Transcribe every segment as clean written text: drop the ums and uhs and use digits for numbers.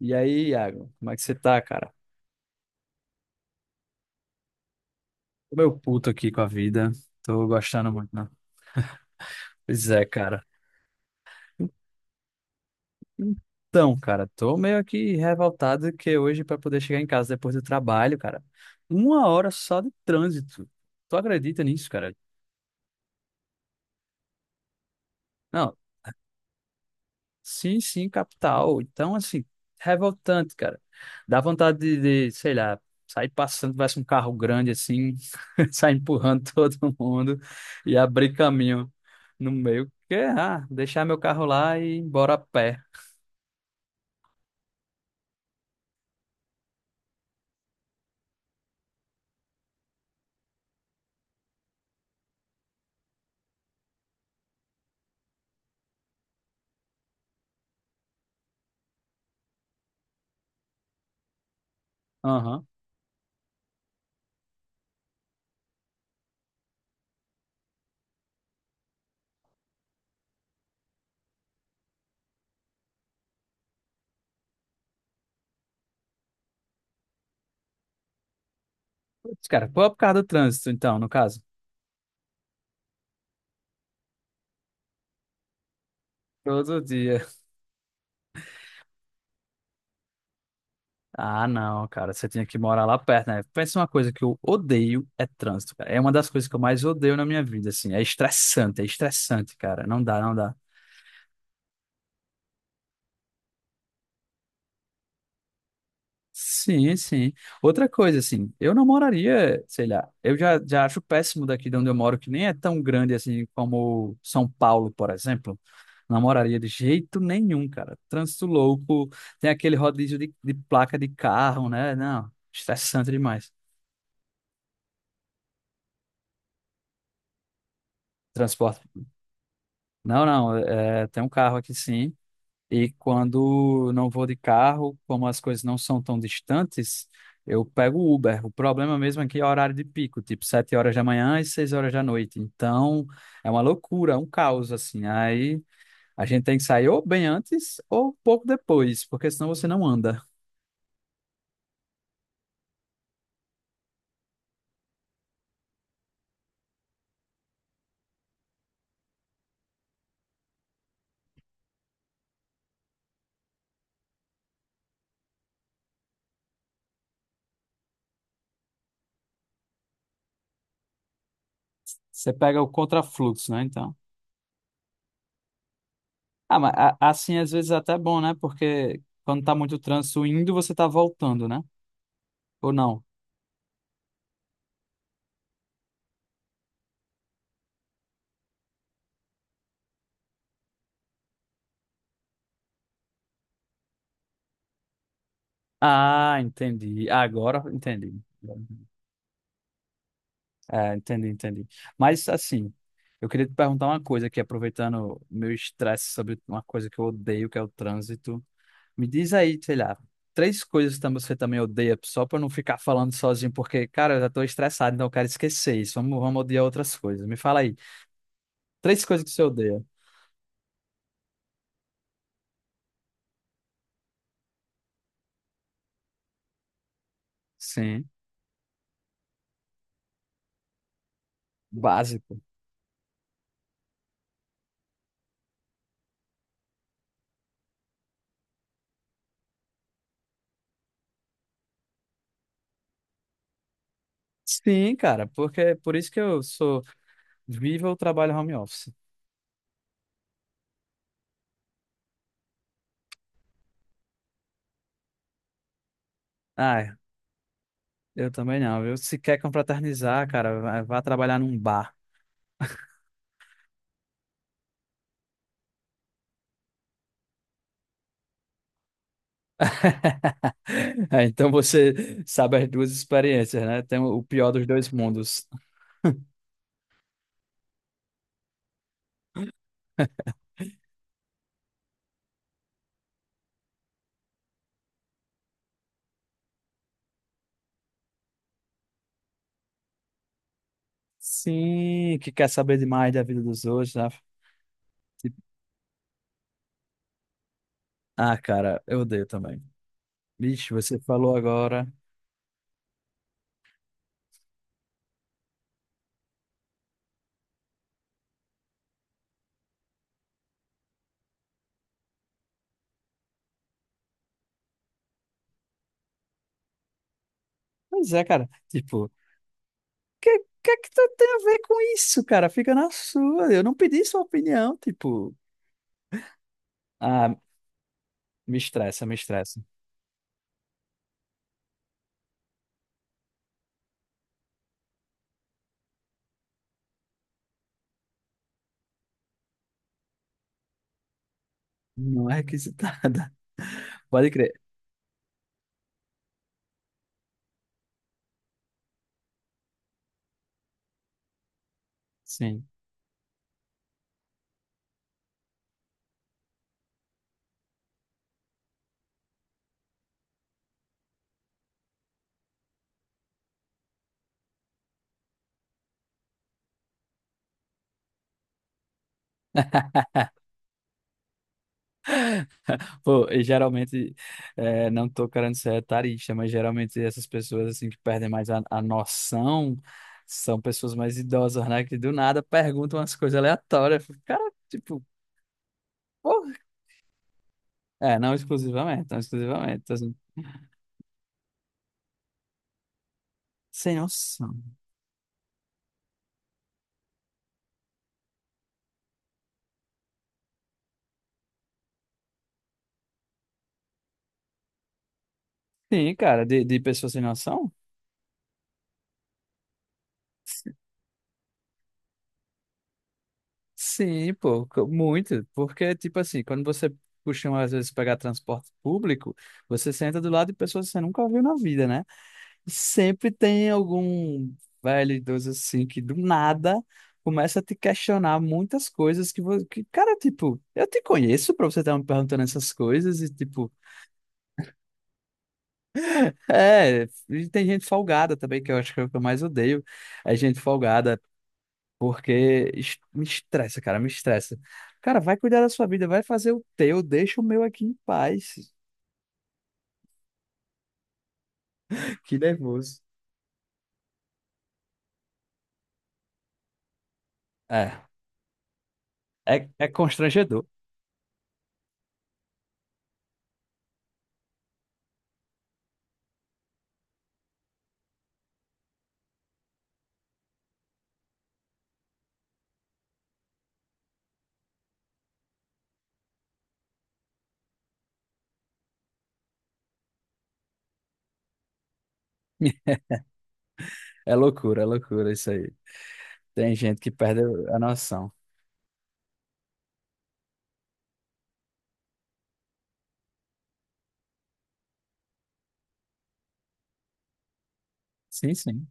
E aí, Iago, como é que você tá, cara? Tô meio puto aqui com a vida. Tô gostando muito, não. Pois é, cara. Então, cara, tô meio aqui revoltado que hoje pra poder chegar em casa depois do trabalho, cara, uma hora só de trânsito. Tu acredita nisso, cara? Não, sim, sim, capital. Então, assim, revoltante, cara. Dá vontade de, sei lá, sair passando, tivesse um carro grande assim, sair empurrando todo mundo e abrir caminho no meio. Que, ah, deixar meu carro lá e ir embora a pé. Aham. Putz, cara, pô, por causa do trânsito, então, no caso. Todo dia. Ah, não, cara, você tinha que morar lá perto, né? Pensa, uma coisa que eu odeio é trânsito, cara. É uma das coisas que eu mais odeio na minha vida, assim. É estressante, cara. Não dá, não dá. Sim, sim. Outra coisa, assim, eu não moraria, sei lá, eu já acho péssimo daqui de onde eu moro, que nem é tão grande assim como São Paulo, por exemplo. Não moraria de jeito nenhum, cara. Trânsito louco, tem aquele rodízio de placa de carro, né? Não, estressante demais. Transporte. Não, não, é, tem um carro aqui sim. E quando não vou de carro, como as coisas não são tão distantes, eu pego o Uber. O problema mesmo aqui é o horário de pico, tipo 7 horas da manhã e 6 horas da noite. Então, é uma loucura, é um caos, assim. Aí a gente tem que sair ou bem antes ou um pouco depois, porque senão você não anda. Você pega o contrafluxo, né? Então. Ah, mas assim às vezes é até bom, né? Porque quando tá muito trânsito indo, você tá voltando, né? Ou não? Ah, entendi. Agora entendi. É, entendi, entendi. Mas assim, eu queria te perguntar uma coisa aqui, aproveitando meu estresse sobre uma coisa que eu odeio, que é o trânsito. Me diz aí, sei lá, 3 coisas que você também odeia, só para eu não ficar falando sozinho, porque, cara, eu já tô estressado, então eu quero esquecer isso. Vamos, vamos odiar outras coisas. Me fala aí, 3 coisas que você odeia. Sim, básico. Sim, cara, porque por isso que eu sou vivo ou trabalho home office. Ah, é. Eu também não. Eu se quer confraternizar, cara, vá trabalhar num bar. Ah, então você sabe as duas experiências, né? Tem o pior dos dois mundos. Sim, que quer saber demais da vida dos outros, né? Tipo, ah, cara, eu odeio também. Vixe, você falou agora. Pois é, cara. Tipo, que que é que tu tem a ver com isso, cara? Fica na sua. Eu não pedi sua opinião, tipo. Ah, me estressa, me estressa. Não é requisitada. Pode crer. Sim. Pô, e geralmente, é, não tô querendo ser etarista, mas geralmente essas pessoas assim que perdem mais a noção são pessoas mais idosas, né? Que do nada perguntam umas coisas aleatórias. Eu fico, cara, tipo, porra. É, não exclusivamente, não exclusivamente. Tô assim, sem noção. Sim, cara, de pessoas sem noção? Sim, pô, muito. Porque, tipo assim, quando você costuma às vezes pegar transporte público, você senta do lado de pessoas que você nunca viu na vida, né? Sempre tem algum velho idoso assim que do nada começa a te questionar muitas coisas que, que cara, tipo, eu te conheço pra você estar me perguntando essas coisas e, tipo, é, e tem gente folgada também, que eu acho que é o que eu mais odeio, é gente folgada, porque me estressa. Cara, vai cuidar da sua vida, vai fazer o teu, deixa o meu aqui em paz. Que nervoso. É, é constrangedor. É loucura isso aí. Tem gente que perde a noção. Sim, sim.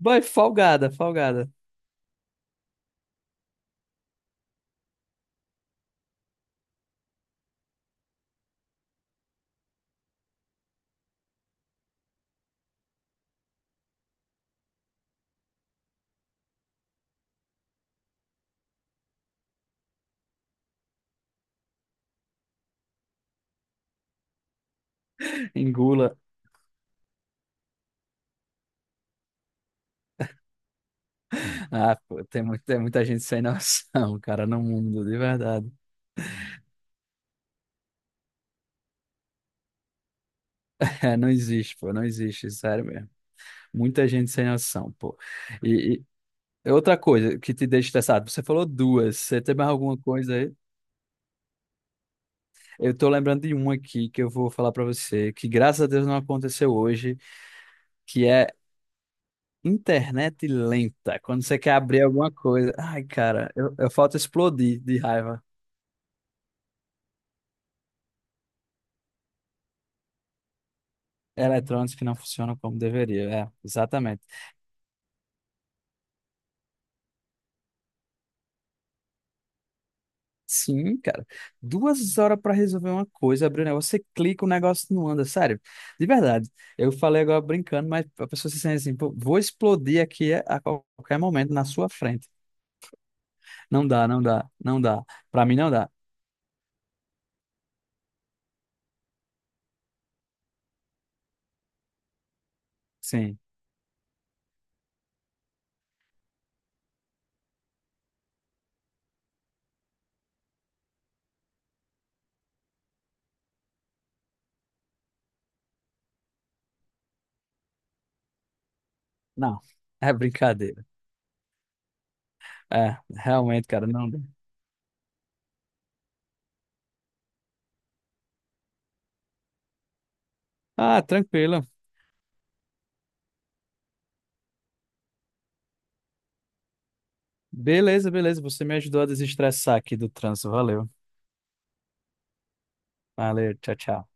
Boy, folgada, folgada. Engula. Ah, pô, tem, tem muita gente sem noção, cara, no mundo, de verdade. É, não existe, pô, não existe, sério mesmo. Muita gente sem noção, pô. E, e outra coisa que te deixa estressado, você falou duas, você tem mais alguma coisa aí? Eu tô lembrando de uma aqui que eu vou falar pra você, que graças a Deus não aconteceu hoje, que é internet lenta. Quando você quer abrir alguma coisa, ai, cara, eu falto explodir de raiva. Eletrônicos que não funcionam como deveria. É, exatamente. Sim, cara. 2 horas para resolver uma coisa, abrir um negócio, você clica, o negócio não anda, sério. De verdade. Eu falei agora brincando, mas a pessoa se sente assim, pô, vou explodir aqui a qualquer momento na sua frente. Não dá, não dá, não dá. Para mim não dá. Sim. Não. É brincadeira. É, realmente, cara, não dá. Ah, tranquilo. Beleza, beleza. Você me ajudou a desestressar aqui do trânsito. Valeu. Valeu, tchau, tchau.